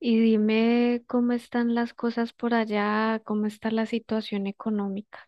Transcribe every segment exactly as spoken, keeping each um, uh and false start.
Y dime cómo están las cosas por allá, cómo está la situación económica.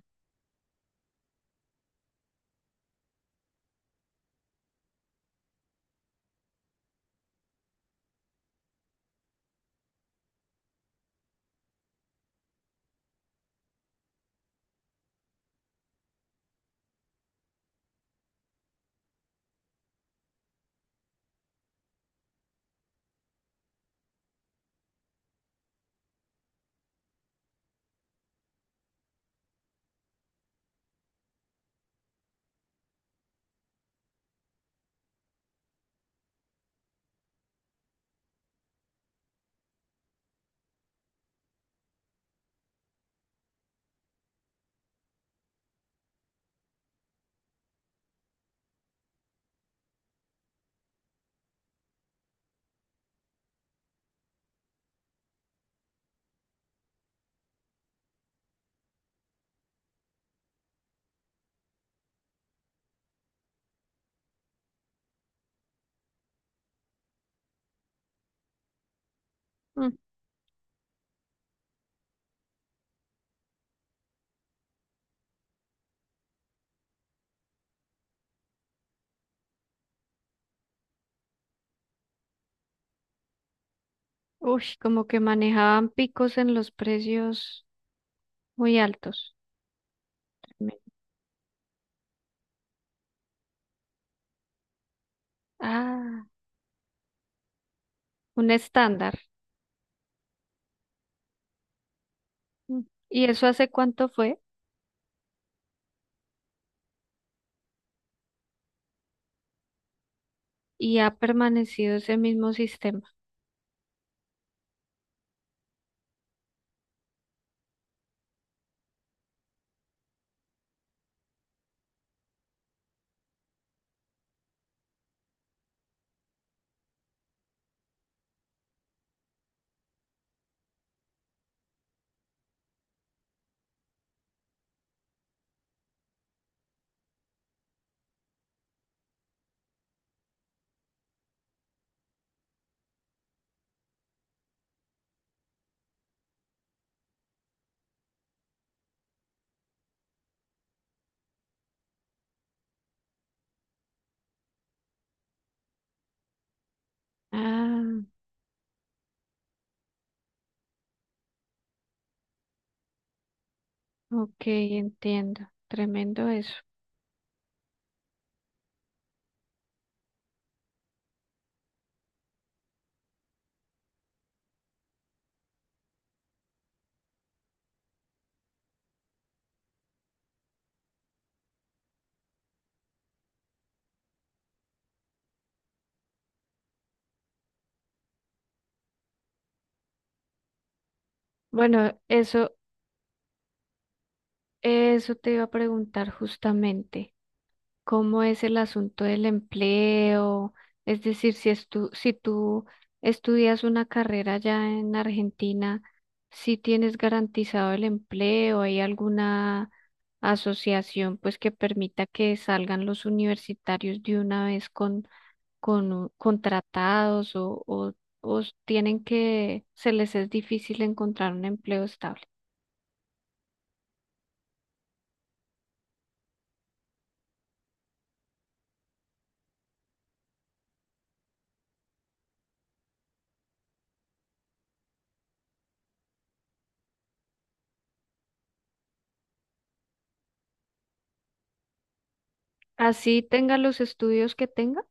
Mm. Uy, como que manejaban picos en los precios muy altos. Me- Ah, un estándar. Mm. ¿Y eso hace cuánto fue? ¿Y ha permanecido ese mismo sistema? Ah, ok, entiendo. Tremendo eso. Bueno, eso, eso te iba a preguntar justamente. ¿Cómo es el asunto del empleo? Es decir, si estu- si tú estudias una carrera ya en Argentina, si tienes garantizado el empleo, ¿hay alguna asociación pues que permita que salgan los universitarios de una vez con, con u- contratados, o, o o tienen que, se les es difícil encontrar un empleo estable? Así tenga los estudios que tenga.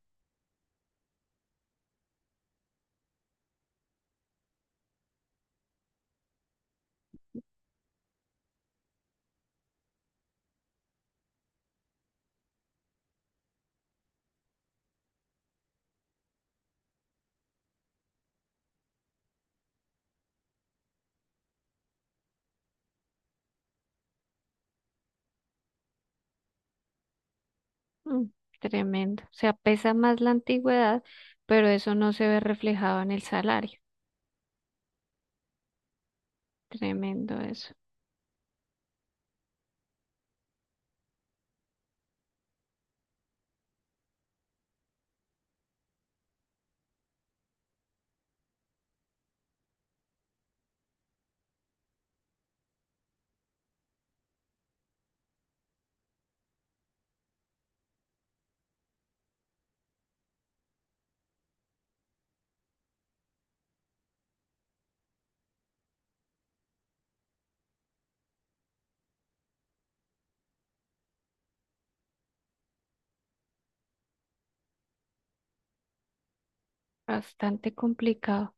Mm. Tremendo. O sea, pesa más la antigüedad, pero eso no se ve reflejado en el salario. Tremendo eso. Bastante complicado.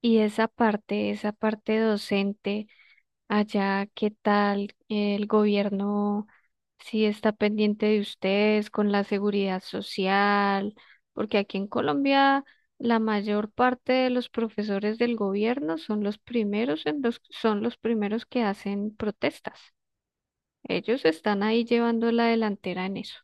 Y esa parte, esa parte docente, allá, ¿qué tal el gobierno? Si está pendiente de ustedes con la seguridad social, porque aquí en Colombia la mayor parte de los profesores del gobierno son los primeros en los, son los primeros que hacen protestas. Ellos están ahí llevando la delantera en eso.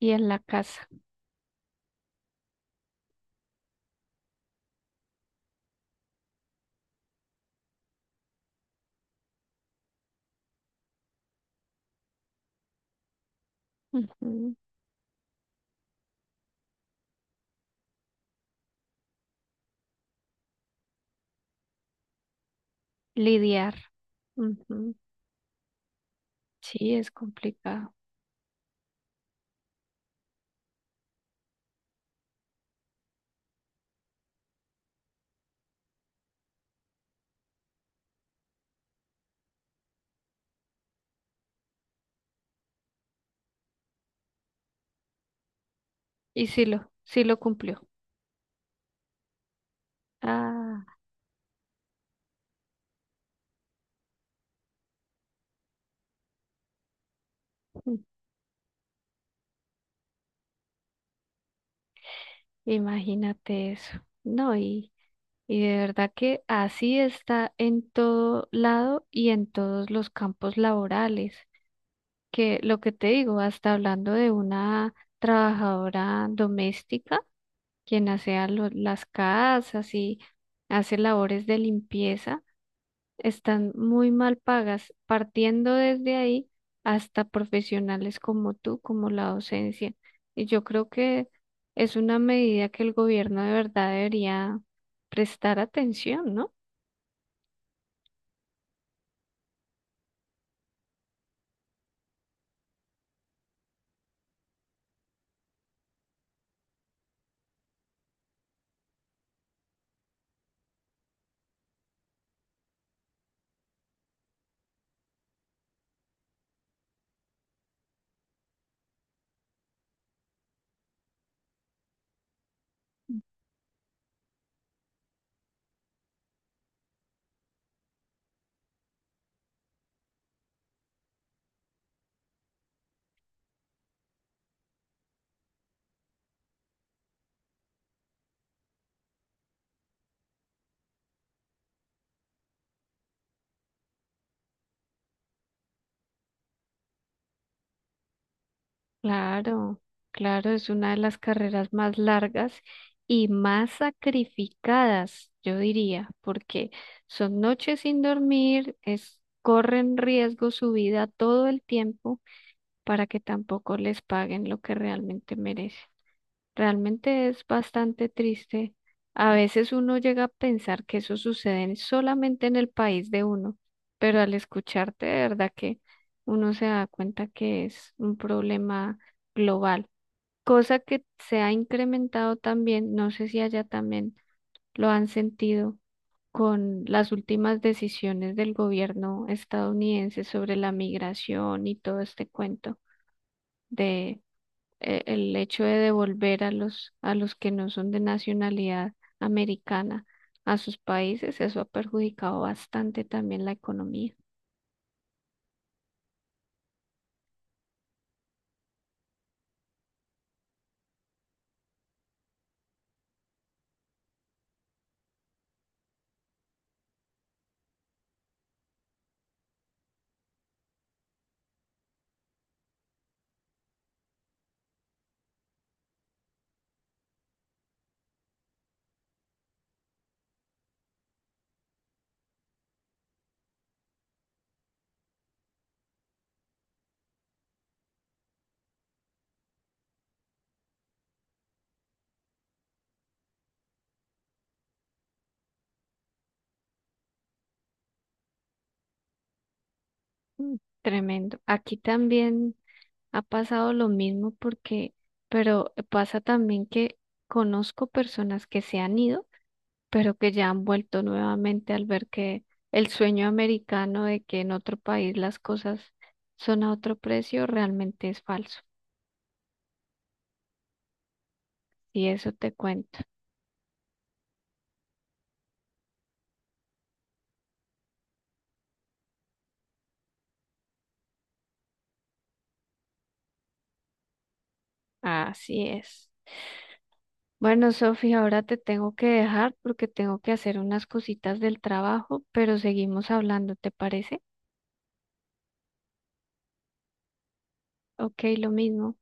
Y en la casa. Ujú. Lidiar. Ujú. Sí, es complicado. Y sí lo, sí lo cumplió. Ah. Mm. Imagínate eso. No, y, y de verdad que así está en todo lado y en todos los campos laborales. Que lo que te digo, hasta hablando de una trabajadora doméstica. quien asea lo- las casas y hace labores de limpieza, están muy mal pagas, partiendo desde ahí hasta profesionales como tú, como la docencia. Y yo creo que es una medida que el gobierno de verdad debería prestar atención, ¿no? Claro, claro, es una de las carreras más largas y más sacrificadas, yo diría, porque son noches sin dormir, es, corren riesgo su vida todo el tiempo para que tampoco les paguen lo que realmente merecen. Realmente es bastante triste. A veces uno llega a pensar que eso sucede en- solamente en el país de uno, pero al escucharte, de verdad que uno se da cuenta que es un problema global, cosa que se ha incrementado también, no sé si allá también lo han sentido con las últimas decisiones del gobierno estadounidense sobre la migración y todo este cuento de eh, el hecho de devolver a los, a los que no son de nacionalidad americana a sus países. Eso ha perjudicado bastante también la economía. Mm. Tremendo. Aquí también ha pasado lo mismo, porque, pero pasa también que conozco personas que se han ido, pero que ya han vuelto nuevamente al ver que el sueño americano de que en otro país las cosas son a otro precio realmente es falso. Y eso te cuento. Así es. Bueno, Sofía, ahora te tengo que dejar porque tengo que hacer unas cositas del trabajo, pero seguimos hablando, ¿te parece? Ok, lo mismo.